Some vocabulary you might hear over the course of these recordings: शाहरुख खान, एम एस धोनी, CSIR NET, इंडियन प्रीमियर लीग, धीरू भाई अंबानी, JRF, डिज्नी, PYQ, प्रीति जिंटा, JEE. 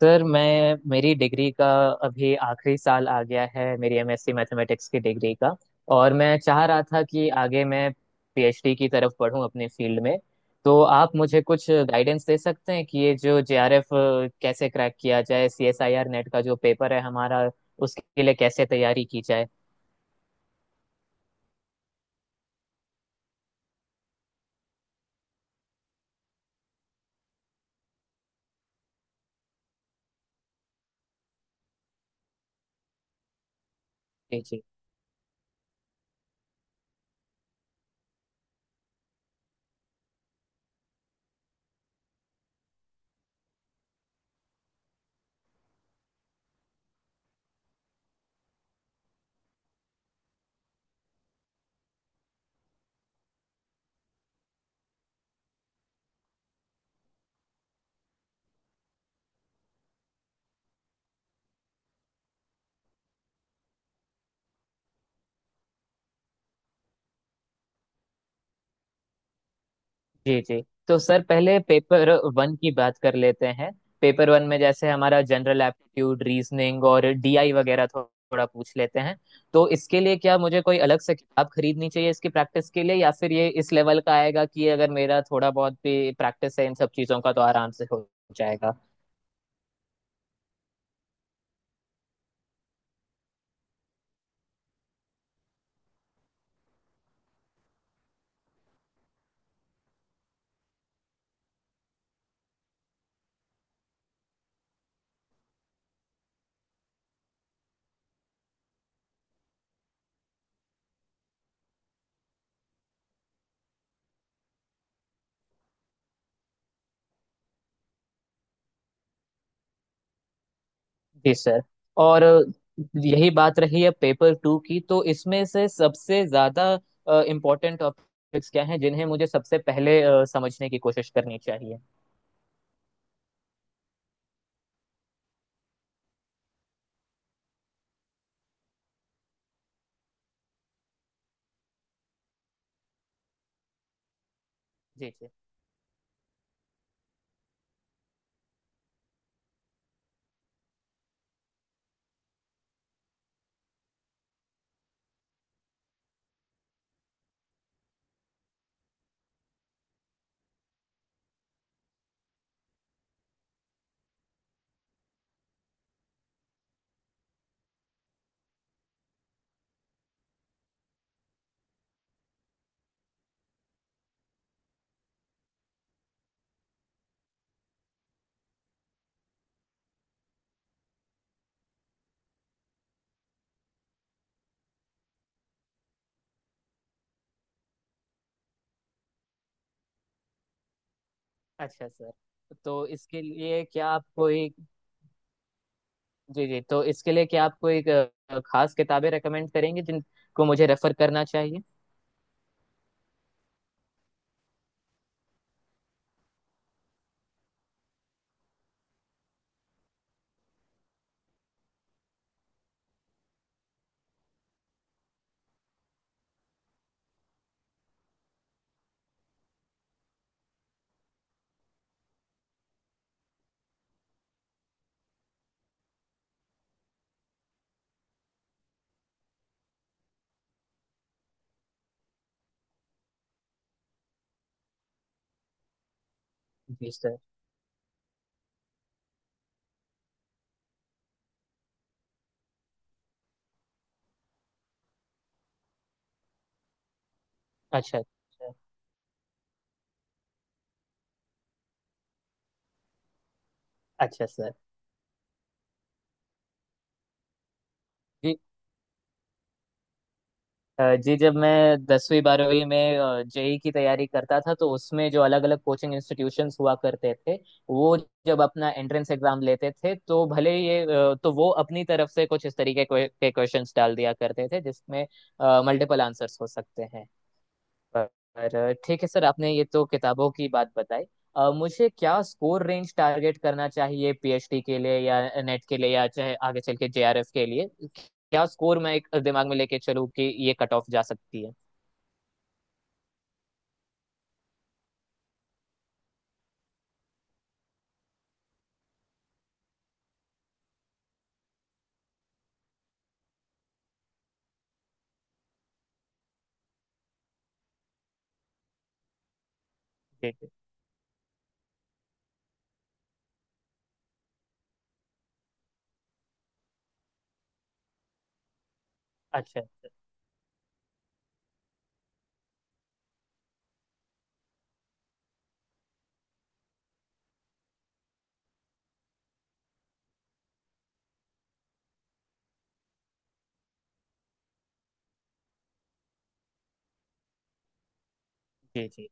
Sir मैं मेरी degree का अभी आखिरी साल आ गया है। मेरी एमएससी मैथमेटिक्स की डिग्री का, और मैं चाह रहा था कि आगे मैं पीएचडी की तरफ पढूं अपने फील्ड में। तो आप मुझे कुछ गाइडेंस दे सकते हैं कि ये जो जेआरएफ कैसे क्रैक किया जाए, सीएसआईआर नेट का जो पेपर है हमारा, उसके लिए कैसे तैयारी की जाए। जी जी, जी जी। तो सर पहले पेपर 1 की बात कर लेते हैं। पेपर 1 में जैसे हमारा जनरल एप्टीट्यूड, रीजनिंग और डीआई वगैरह थोड़ा पूछ लेते हैं। तो इसके लिए क्या मुझे कोई अलग से किताब खरीदनी चाहिए इसकी प्रैक्टिस के लिए, या फिर ये इस लेवल का आएगा कि अगर मेरा थोड़ा बहुत भी प्रैक्टिस है इन सब चीज़ों का तो आराम से हो जाएगा। जी सर। और यही बात रही है पेपर 2 की, तो इसमें से सबसे ज़्यादा इम्पोर्टेंट टॉपिक्स क्या हैं जिन्हें मुझे सबसे पहले समझने की कोशिश करनी चाहिए। जी जी। अच्छा सर, तो इसके लिए क्या आप कोई, जी जी, तो इसके लिए क्या आप कोई खास किताबें रेकमेंड करेंगे जिनको मुझे रेफर करना चाहिए। जी सर। अच्छा अच्छा। अच्छा सर। जी। जी, जब मैं दसवीं बारहवीं में जेई की तैयारी करता था, तो उसमें जो अलग अलग कोचिंग इंस्टीट्यूशंस हुआ करते थे वो जब अपना एंट्रेंस एग्जाम लेते थे, तो तो वो अपनी तरफ से कुछ इस तरीके के क्वेश्चंस डाल दिया करते थे जिसमें मल्टीपल आंसर्स हो सकते हैं। पर ठीक है सर, आपने ये तो किताबों की बात बताई। मुझे क्या स्कोर रेंज टारगेट करना चाहिए पीएचडी के लिए, या नेट के लिए, या चाहे आगे चल के जेआरएफ के लिए। क्या स्कोर मैं एक दिमाग में लेके चलूँ कि ये कट ऑफ जा सकती है। जी जी। अच्छा। जी जी।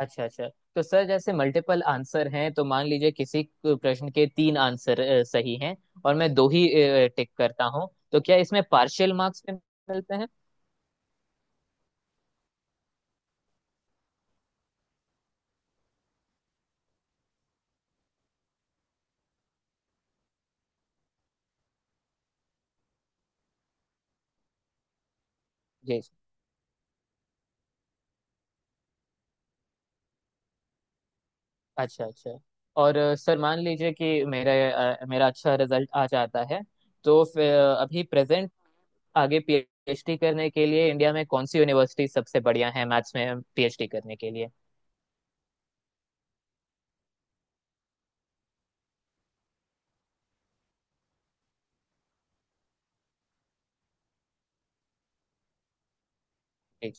अच्छा अच्छा। तो सर जैसे मल्टीपल आंसर हैं, तो मान लीजिए किसी प्रश्न के तीन आंसर सही हैं, और मैं दो ही टिक करता हूँ तो क्या इसमें पार्शियल मार्क्स मिलते हैं। जी। अच्छा अच्छा। और सर मान लीजिए कि मेरा अच्छा रिजल्ट आ जाता है, तो फिर अ, अभी प्रेजेंट आगे पीएचडी करने के लिए इंडिया में कौन सी यूनिवर्सिटी सबसे बढ़िया है मैथ्स में पीएचडी करने के लिए। जी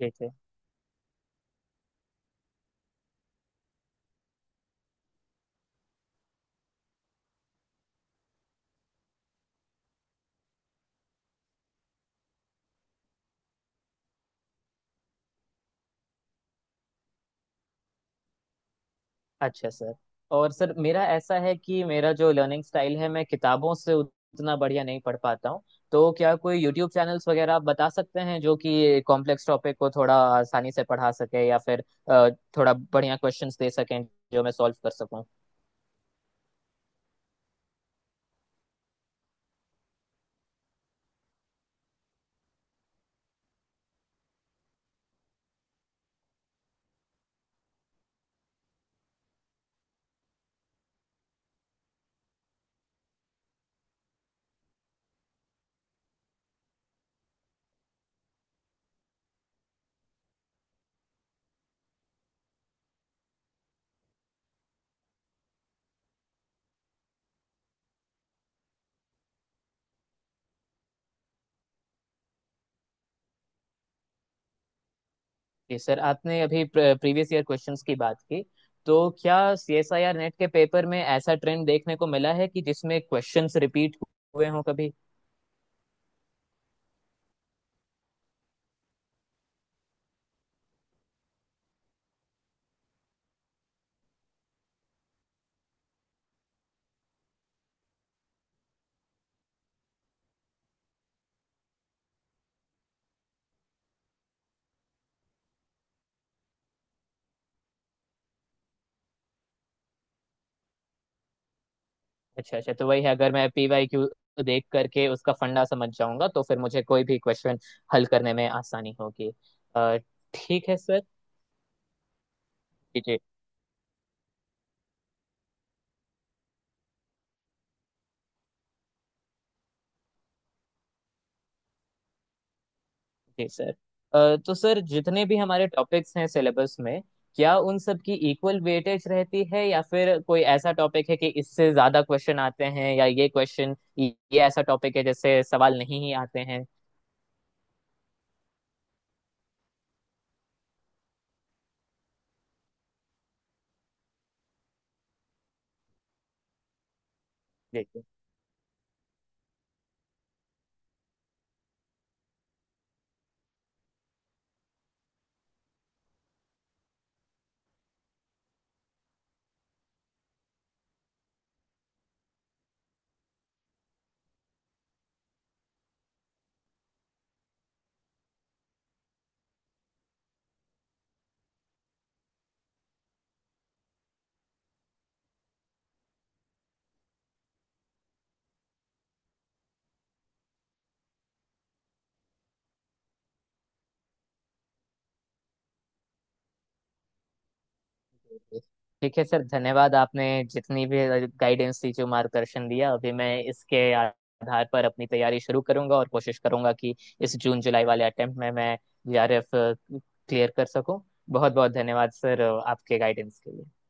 जी जी। अच्छा सर, और सर मेरा ऐसा है कि मेरा जो लर्निंग स्टाइल है, मैं किताबों से उतना बढ़िया नहीं पढ़ पाता हूँ। तो क्या कोई यूट्यूब चैनल्स वगैरह आप बता सकते हैं जो कि कॉम्प्लेक्स टॉपिक को थोड़ा आसानी से पढ़ा सके, या फिर अ, थोड़ा बढ़िया क्वेश्चंस दे सकें जो मैं सॉल्व कर सकूं। जी सर, आपने अभी प्रीवियस ईयर क्वेश्चंस की बात की। तो क्या सीएसआईआर नेट के पेपर में ऐसा ट्रेंड देखने को मिला है कि जिसमें क्वेश्चंस रिपीट हुए हों कभी। अच्छा अच्छा, तो वही है, अगर मैं पीवाईक्यू देख करके उसका फंडा समझ जाऊंगा तो फिर मुझे कोई भी क्वेश्चन हल करने में आसानी होगी। अ, ठीक है सर। जी जी। जी सर, तो सर जितने भी हमारे टॉपिक्स हैं सिलेबस में, क्या उन सब की इक्वल वेटेज रहती है, या फिर कोई ऐसा टॉपिक है कि इससे ज्यादा क्वेश्चन आते हैं, या ये क्वेश्चन, ये ऐसा टॉपिक है जैसे सवाल नहीं ही आते हैं। देखिए, ठीक है सर, धन्यवाद। आपने जितनी भी गाइडेंस दी, जो मार्गदर्शन दिया, अभी मैं इसके आधार पर अपनी तैयारी शुरू करूंगा, और कोशिश करूंगा कि इस जून जुलाई वाले अटेम्प्ट में मैं जीआरएफ क्लियर कर सकूं। बहुत बहुत धन्यवाद सर, आपके गाइडेंस के लिए।